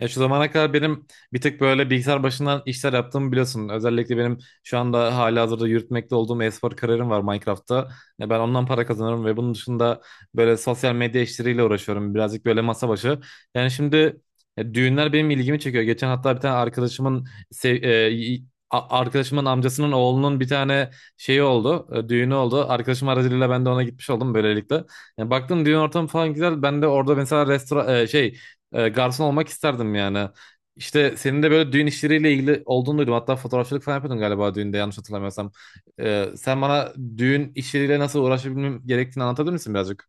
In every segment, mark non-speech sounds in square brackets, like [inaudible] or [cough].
Ya şu zamana kadar benim bir tık böyle bilgisayar başından işler yaptığımı biliyorsun. Özellikle benim şu anda halihazırda yürütmekte olduğum e-spor kariyerim var Minecraft'ta. Ya ben ondan para kazanıyorum ve bunun dışında böyle sosyal medya işleriyle uğraşıyorum. Birazcık böyle masa başı. Yani şimdi Düğünler benim ilgimi çekiyor. Geçen hatta bir tane arkadaşımın sev- e, y- a- arkadaşımın amcasının oğlunun bir tane düğünü oldu. Arkadaşım aracılığıyla ben de ona gitmiş oldum böylelikle. Yani baktım düğün ortamı falan güzel. Ben de orada mesela restoran e, şey e, garson olmak isterdim yani. İşte senin de böyle düğün işleriyle ilgili olduğunu duydum. Hatta fotoğrafçılık falan yapıyordun galiba düğünde yanlış hatırlamıyorsam. Sen bana düğün işleriyle nasıl uğraşabilmem gerektiğini anlatabilir misin birazcık?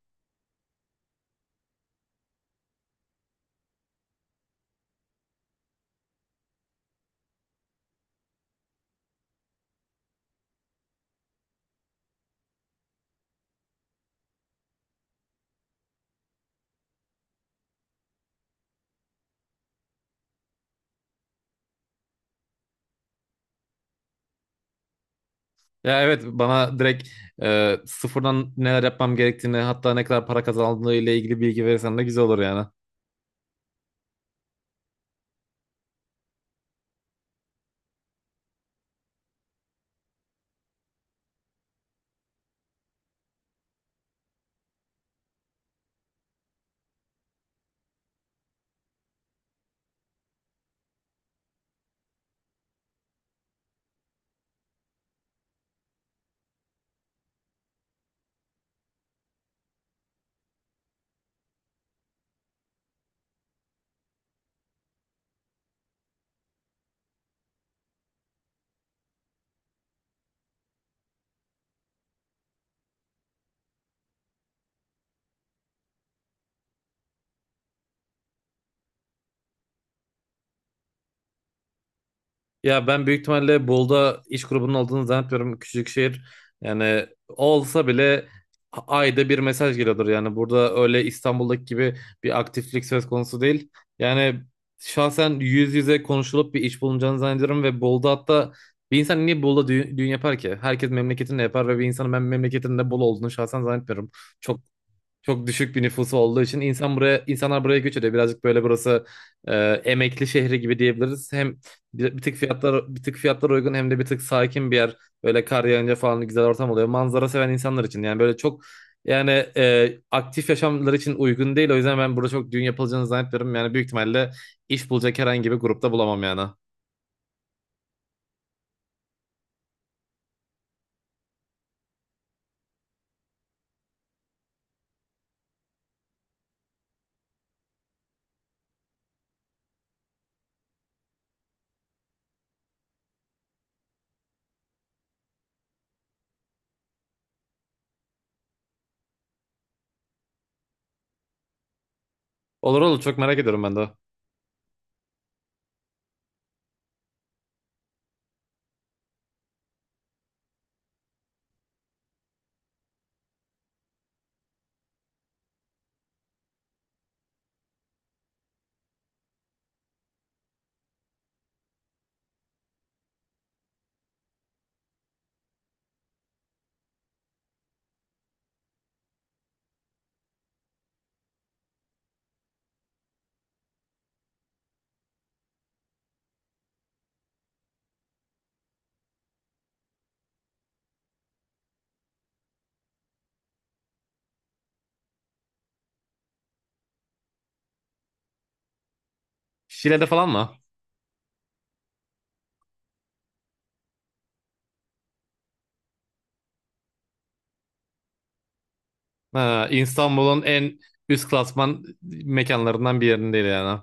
Ya evet bana direkt sıfırdan neler yapmam gerektiğini hatta ne kadar para kazandığıyla ilgili bilgi verirsen de güzel olur yani. Ya ben büyük ihtimalle Bolu'da iş grubunun olduğunu zannetmiyorum. Küçücük şehir. Yani olsa bile ayda bir mesaj geliyordur. Yani burada öyle İstanbul'daki gibi bir aktiflik söz konusu değil. Yani şahsen yüz yüze konuşulup bir iş bulunacağını zannediyorum ve Bolu'da hatta bir insan niye Bolu'da düğün yapar ki? Herkes memleketinde yapar ve bir insanın ben memleketinde Bolu olduğunu şahsen zannetmiyorum. Çok çok düşük bir nüfusu olduğu için insanlar buraya göç ediyor. Birazcık böyle burası e, emekli şehri gibi diyebiliriz. Hem bir tık fiyatlar uygun hem de bir tık sakin bir yer. Böyle kar yağınca falan güzel ortam oluyor. Manzara seven insanlar için yani böyle çok yani aktif yaşamları için uygun değil. O yüzden ben burada çok düğün yapılacağını zannetmiyorum. Yani büyük ihtimalle iş bulacak herhangi bir grupta bulamam yani. Olur olur, çok merak ediyorum ben de. Şile'de falan mı? Ha, İstanbul'un en üst klasman mekanlarından bir yerinde yani.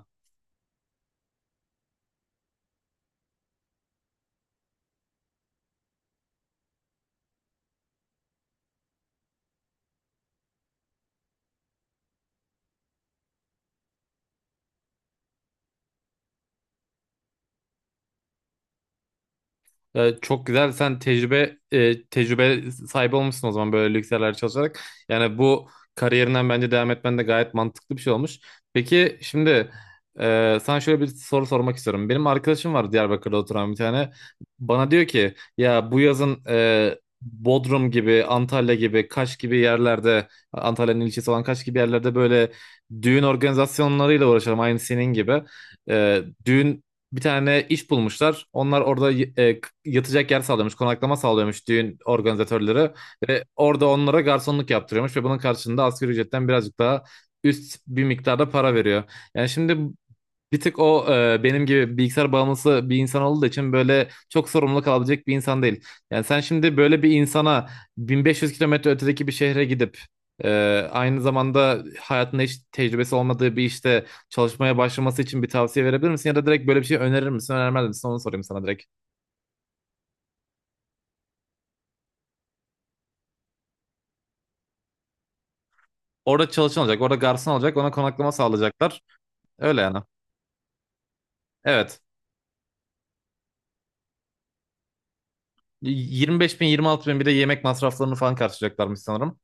Çok güzel. Sen tecrübe sahibi olmuşsun o zaman böyle lüks yerlerde çalışarak. Yani bu kariyerinden bence devam etmen de gayet mantıklı bir şey olmuş. Peki şimdi sana şöyle bir soru sormak istiyorum. Benim arkadaşım var Diyarbakır'da oturan bir tane. Bana diyor ki ya bu yazın Bodrum gibi, Antalya gibi, Kaş gibi yerlerde, Antalya'nın ilçesi olan Kaş gibi yerlerde böyle düğün organizasyonlarıyla uğraşalım aynı senin gibi. E, düğün Bir tane iş bulmuşlar. Onlar orada yatacak yer sağlıyormuş, konaklama sağlıyormuş düğün organizatörleri. Ve orada onlara garsonluk yaptırıyormuş ve bunun karşılığında asgari ücretten birazcık daha üst bir miktarda para veriyor. Yani şimdi bir tık o e, benim gibi bilgisayar bağımlısı bir insan olduğu için böyle çok sorumluluk alabilecek bir insan değil. Yani sen şimdi böyle bir insana 1500 kilometre ötedeki bir şehre gidip e, aynı zamanda hayatında hiç tecrübesi olmadığı bir işte çalışmaya başlaması için bir tavsiye verebilir misin? Ya da direkt böyle bir şey önerir misin, önermez misin? Onu sorayım sana direkt. Orada çalışan olacak, orada garson olacak, ona konaklama sağlayacaklar. Öyle yani. Evet. 25 bin, 26 bin, bir de yemek masraflarını falan karşılayacaklarmış sanırım.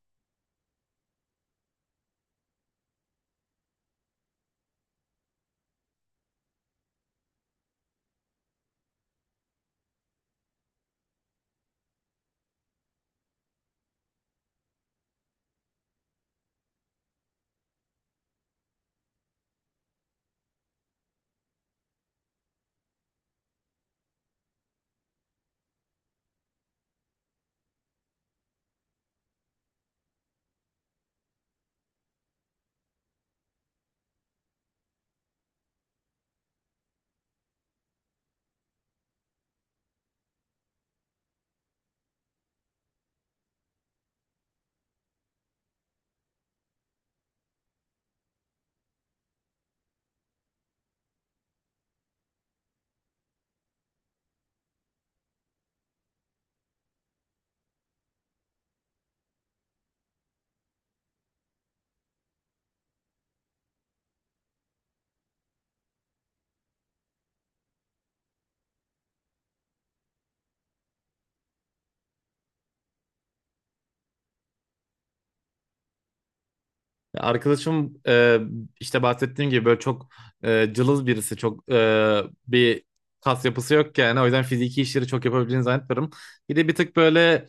Arkadaşım işte bahsettiğim gibi böyle çok cılız birisi. Bir kas yapısı yok yani. O yüzden fiziki işleri çok yapabildiğini zannetmiyorum. Bir de bir tık böyle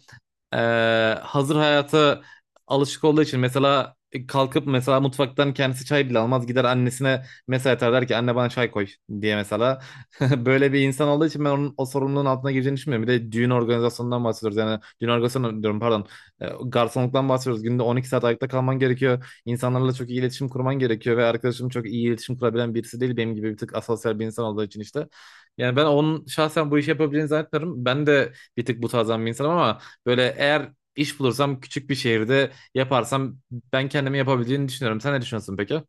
e, hazır hayata alışık olduğu için mesela kalkıp mesela mutfaktan kendisi çay bile almaz, gider annesine mesaj atar, der ki anne bana çay koy diye mesela. [laughs] Böyle bir insan olduğu için ben onun o sorumluluğun altına gireceğini düşünmüyorum. Bir de düğün organizasyonundan bahsediyoruz, yani düğün organizasyonu diyorum pardon, garsonluktan bahsediyoruz, günde 12 saat ayakta kalman gerekiyor, insanlarla çok iyi iletişim kurman gerekiyor ve arkadaşım çok iyi iletişim kurabilen birisi değil, benim gibi bir tık asosyal bir insan olduğu için işte. Yani ben onun şahsen bu işi yapabileceğini zannetmiyorum, ben de bir tık bu tarzdan bir insanım ama böyle eğer iş bulursam, küçük bir şehirde yaparsam ben kendimi yapabildiğini düşünüyorum. Sen ne düşünüyorsun peki?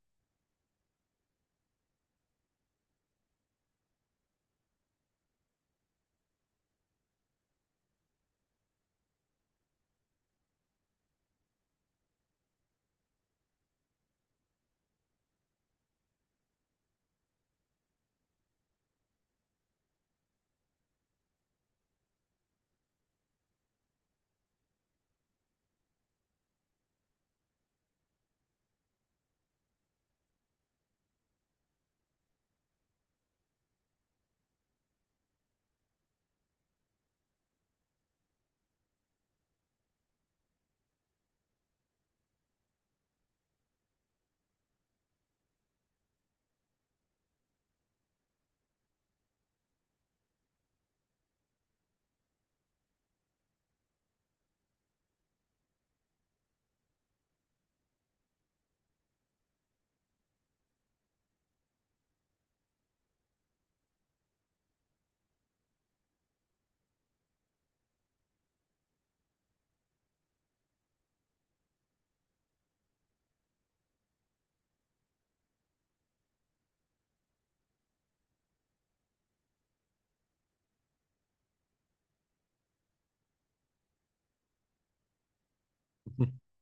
[laughs]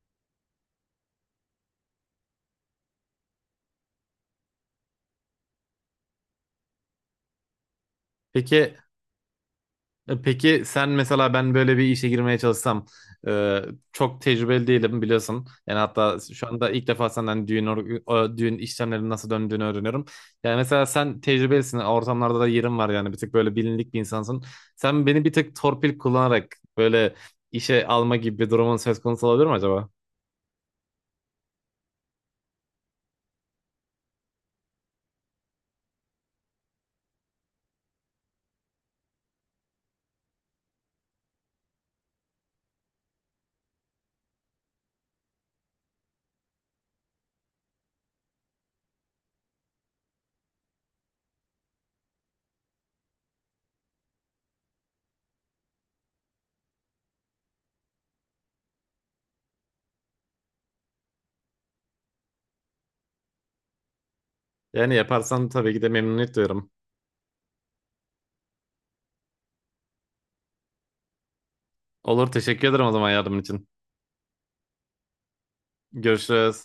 Peki, peki sen mesela ben böyle bir işe girmeye çalışsam, e, çok tecrübeli değilim biliyorsun. Yani hatta şu anda ilk defa senden düğün işlemlerinin nasıl döndüğünü öğreniyorum. Yani mesela sen tecrübelisin. Ortamlarda da yerin var, yani bir tık böyle bilinlik bir insansın. Sen beni bir tık torpil kullanarak böyle işe alma gibi bir durumun söz konusu olabilir mi acaba? Yani yaparsan tabii ki de memnuniyet duyarım. Olur, teşekkür ederim o zaman yardımın için. Görüşürüz.